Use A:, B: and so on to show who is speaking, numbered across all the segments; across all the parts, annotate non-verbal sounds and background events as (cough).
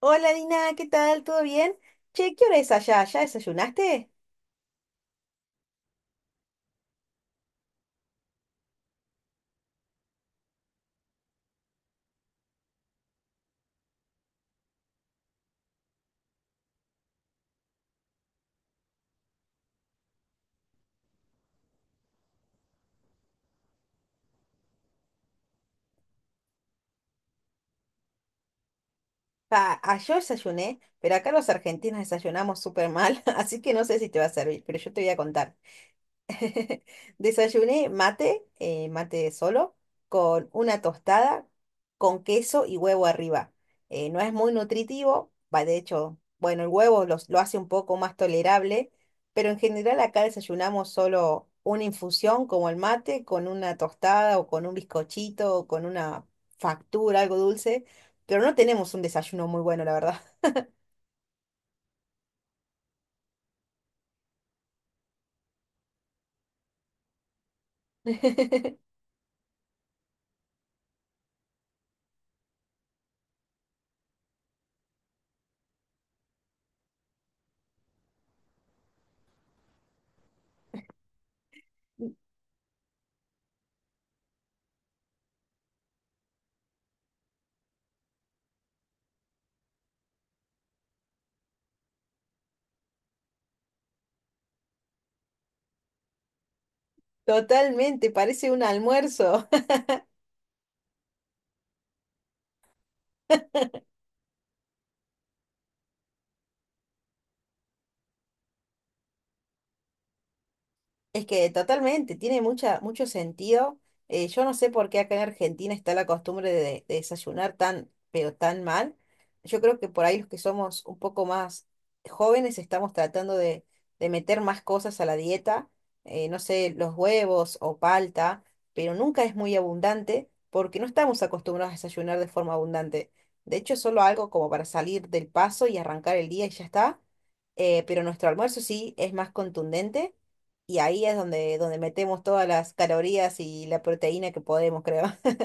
A: Hola Dina, ¿qué tal? ¿Todo bien? Che, ¿qué hora es allá? ¿Ya desayunaste? Pa, yo desayuné, pero acá los argentinos desayunamos súper mal, (laughs) así que no sé si te va a servir, pero yo te voy a contar. (laughs) Desayuné mate, mate solo, con una tostada, con queso y huevo arriba. No es muy nutritivo, va, de hecho, bueno, el huevo lo hace un poco más tolerable, pero en general acá desayunamos solo una infusión como el mate, con una tostada o con un bizcochito o con una factura, algo dulce, pero no tenemos un desayuno muy bueno, la verdad. (laughs) Totalmente, parece un almuerzo. Es que totalmente, tiene mucho sentido. Yo no sé por qué acá en Argentina está la costumbre de desayunar tan, pero tan mal. Yo creo que por ahí los que somos un poco más jóvenes estamos tratando de meter más cosas a la dieta, no sé, los huevos o palta, pero nunca es muy abundante porque no estamos acostumbrados a desayunar de forma abundante. De hecho, es solo algo como para salir del paso y arrancar el día y ya está. Pero nuestro almuerzo sí es más contundente y ahí es donde, metemos todas las calorías y la proteína que podemos, creo. (laughs)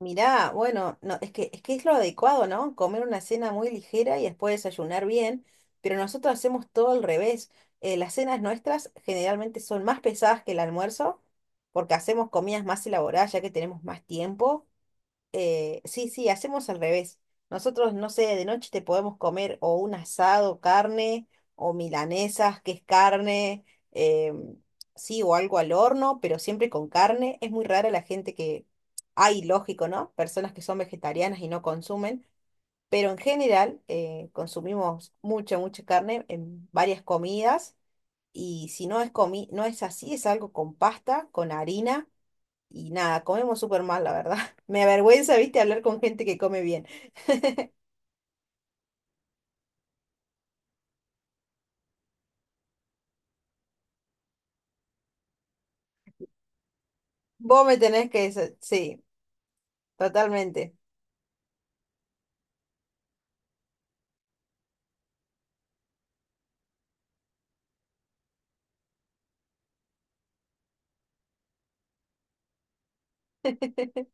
A: Mirá, bueno, no, es que es lo adecuado, ¿no? Comer una cena muy ligera y después desayunar bien, pero nosotros hacemos todo al revés. Las cenas nuestras generalmente son más pesadas que el almuerzo, porque hacemos comidas más elaboradas, ya que tenemos más tiempo. Sí, sí, hacemos al revés. Nosotros, no sé, de noche te podemos comer o un asado, carne, o milanesas, que es carne, em, sí, o algo al horno, pero siempre con carne. Es muy rara la gente que, hay, lógico, ¿no? Personas que son vegetarianas y no consumen, pero en general consumimos mucha, mucha carne en varias comidas. Y si no es comi no es así, es algo con pasta, con harina y nada, comemos súper mal, la verdad. (laughs) Me avergüenza, viste, hablar con gente que come bien. Vos me tenés que sí, totalmente. (laughs)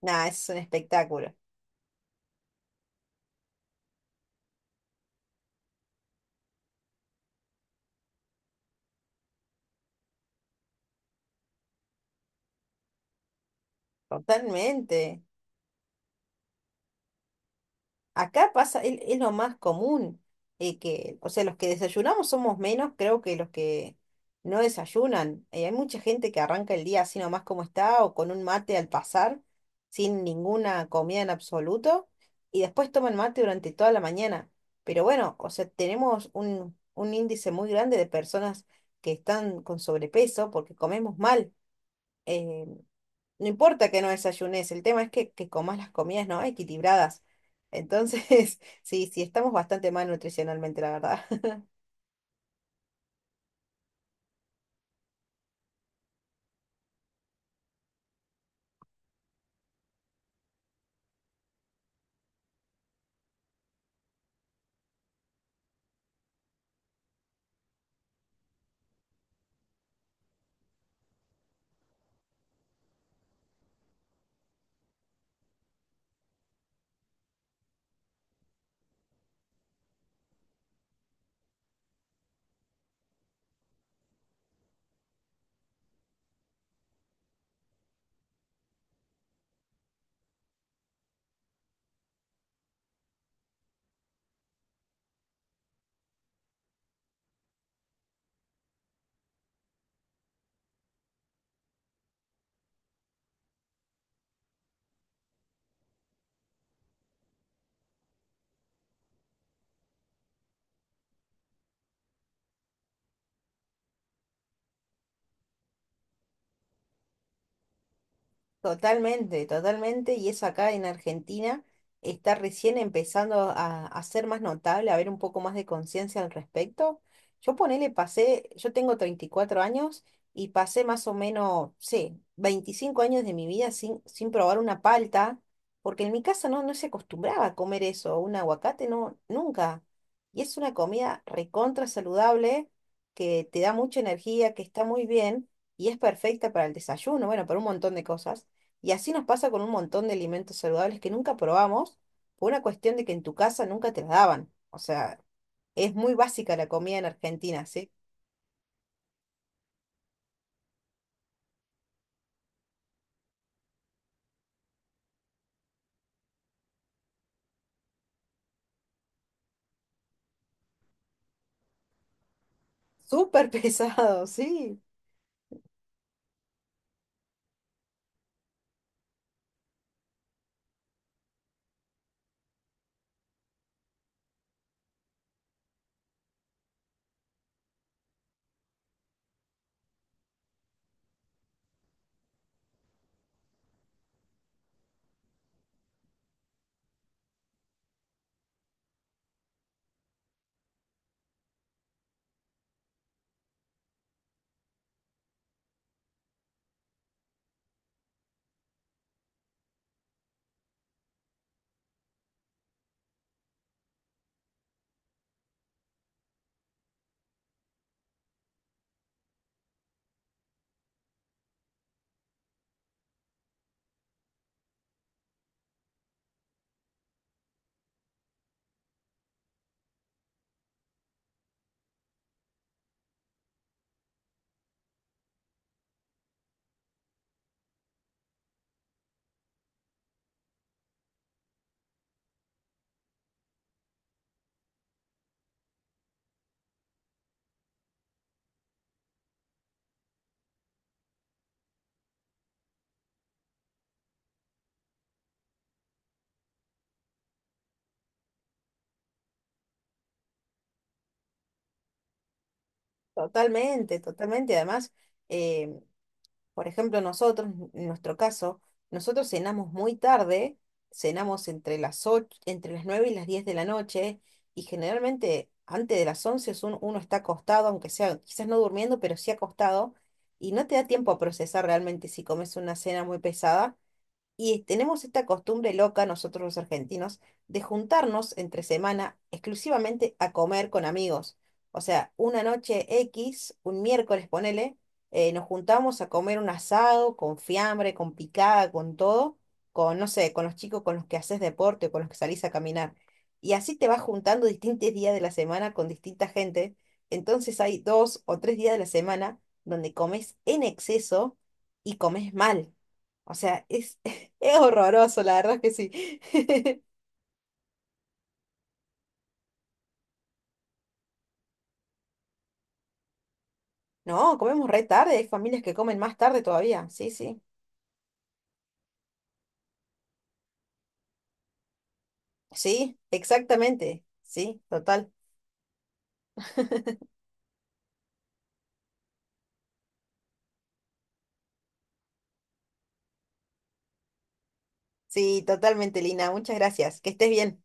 A: Nada, es un espectáculo. Totalmente. Acá pasa, es lo más común, que, o sea, los que desayunamos somos menos, creo que los que no desayunan. Hay mucha gente que arranca el día así nomás como está o con un mate al pasar, sin ninguna comida en absoluto, y después toman mate durante toda la mañana. Pero bueno, o sea, tenemos un índice muy grande de personas que están con sobrepeso porque comemos mal. Eh, no importa que no desayunes, el tema es que comas las comidas, ¿no? Equilibradas. Entonces, (laughs) sí, sí, estamos bastante mal nutricionalmente, la verdad. Totalmente, totalmente, y eso acá en Argentina está recién empezando a ser más notable, a haber un poco más de conciencia al respecto. Yo ponele, pasé, yo tengo 34 años y pasé más o menos, sí, 25 años de mi vida sin probar una palta, porque en mi casa no, no se acostumbraba a comer eso, un aguacate, no, nunca. Y es una comida recontra saludable, que te da mucha energía, que está muy bien y es perfecta para el desayuno, bueno, para un montón de cosas. Y así nos pasa con un montón de alimentos saludables que nunca probamos por una cuestión de que en tu casa nunca te las daban. O sea, es muy básica la comida en Argentina, ¿sí? Súper (laughs) pesado, sí, totalmente, totalmente. Además, eh, por ejemplo, nosotros, en nuestro caso, nosotros cenamos muy tarde, cenamos entre las 8 entre las 9 y las 10 de la noche, y generalmente antes de las 11 es uno está acostado, aunque sea quizás no durmiendo, pero sí acostado, y no te da tiempo a procesar realmente si comes una cena muy pesada, y tenemos esta costumbre loca nosotros los argentinos de juntarnos entre semana exclusivamente a comer con amigos. O sea, una noche X, un miércoles ponele, nos juntamos a comer un asado con fiambre, con picada, con todo, con, no sé, con los chicos con los que haces deporte o con los que salís a caminar. Y así te vas juntando distintos días de la semana con distinta gente. Entonces hay 2 o 3 días de la semana donde comes en exceso y comes mal. O sea, es horroroso, la verdad es que sí. (laughs) No, comemos re tarde, hay familias que comen más tarde todavía. Sí, sí. Sí, exactamente. Sí, total. Sí, totalmente, Lina. Muchas gracias. Que estés bien.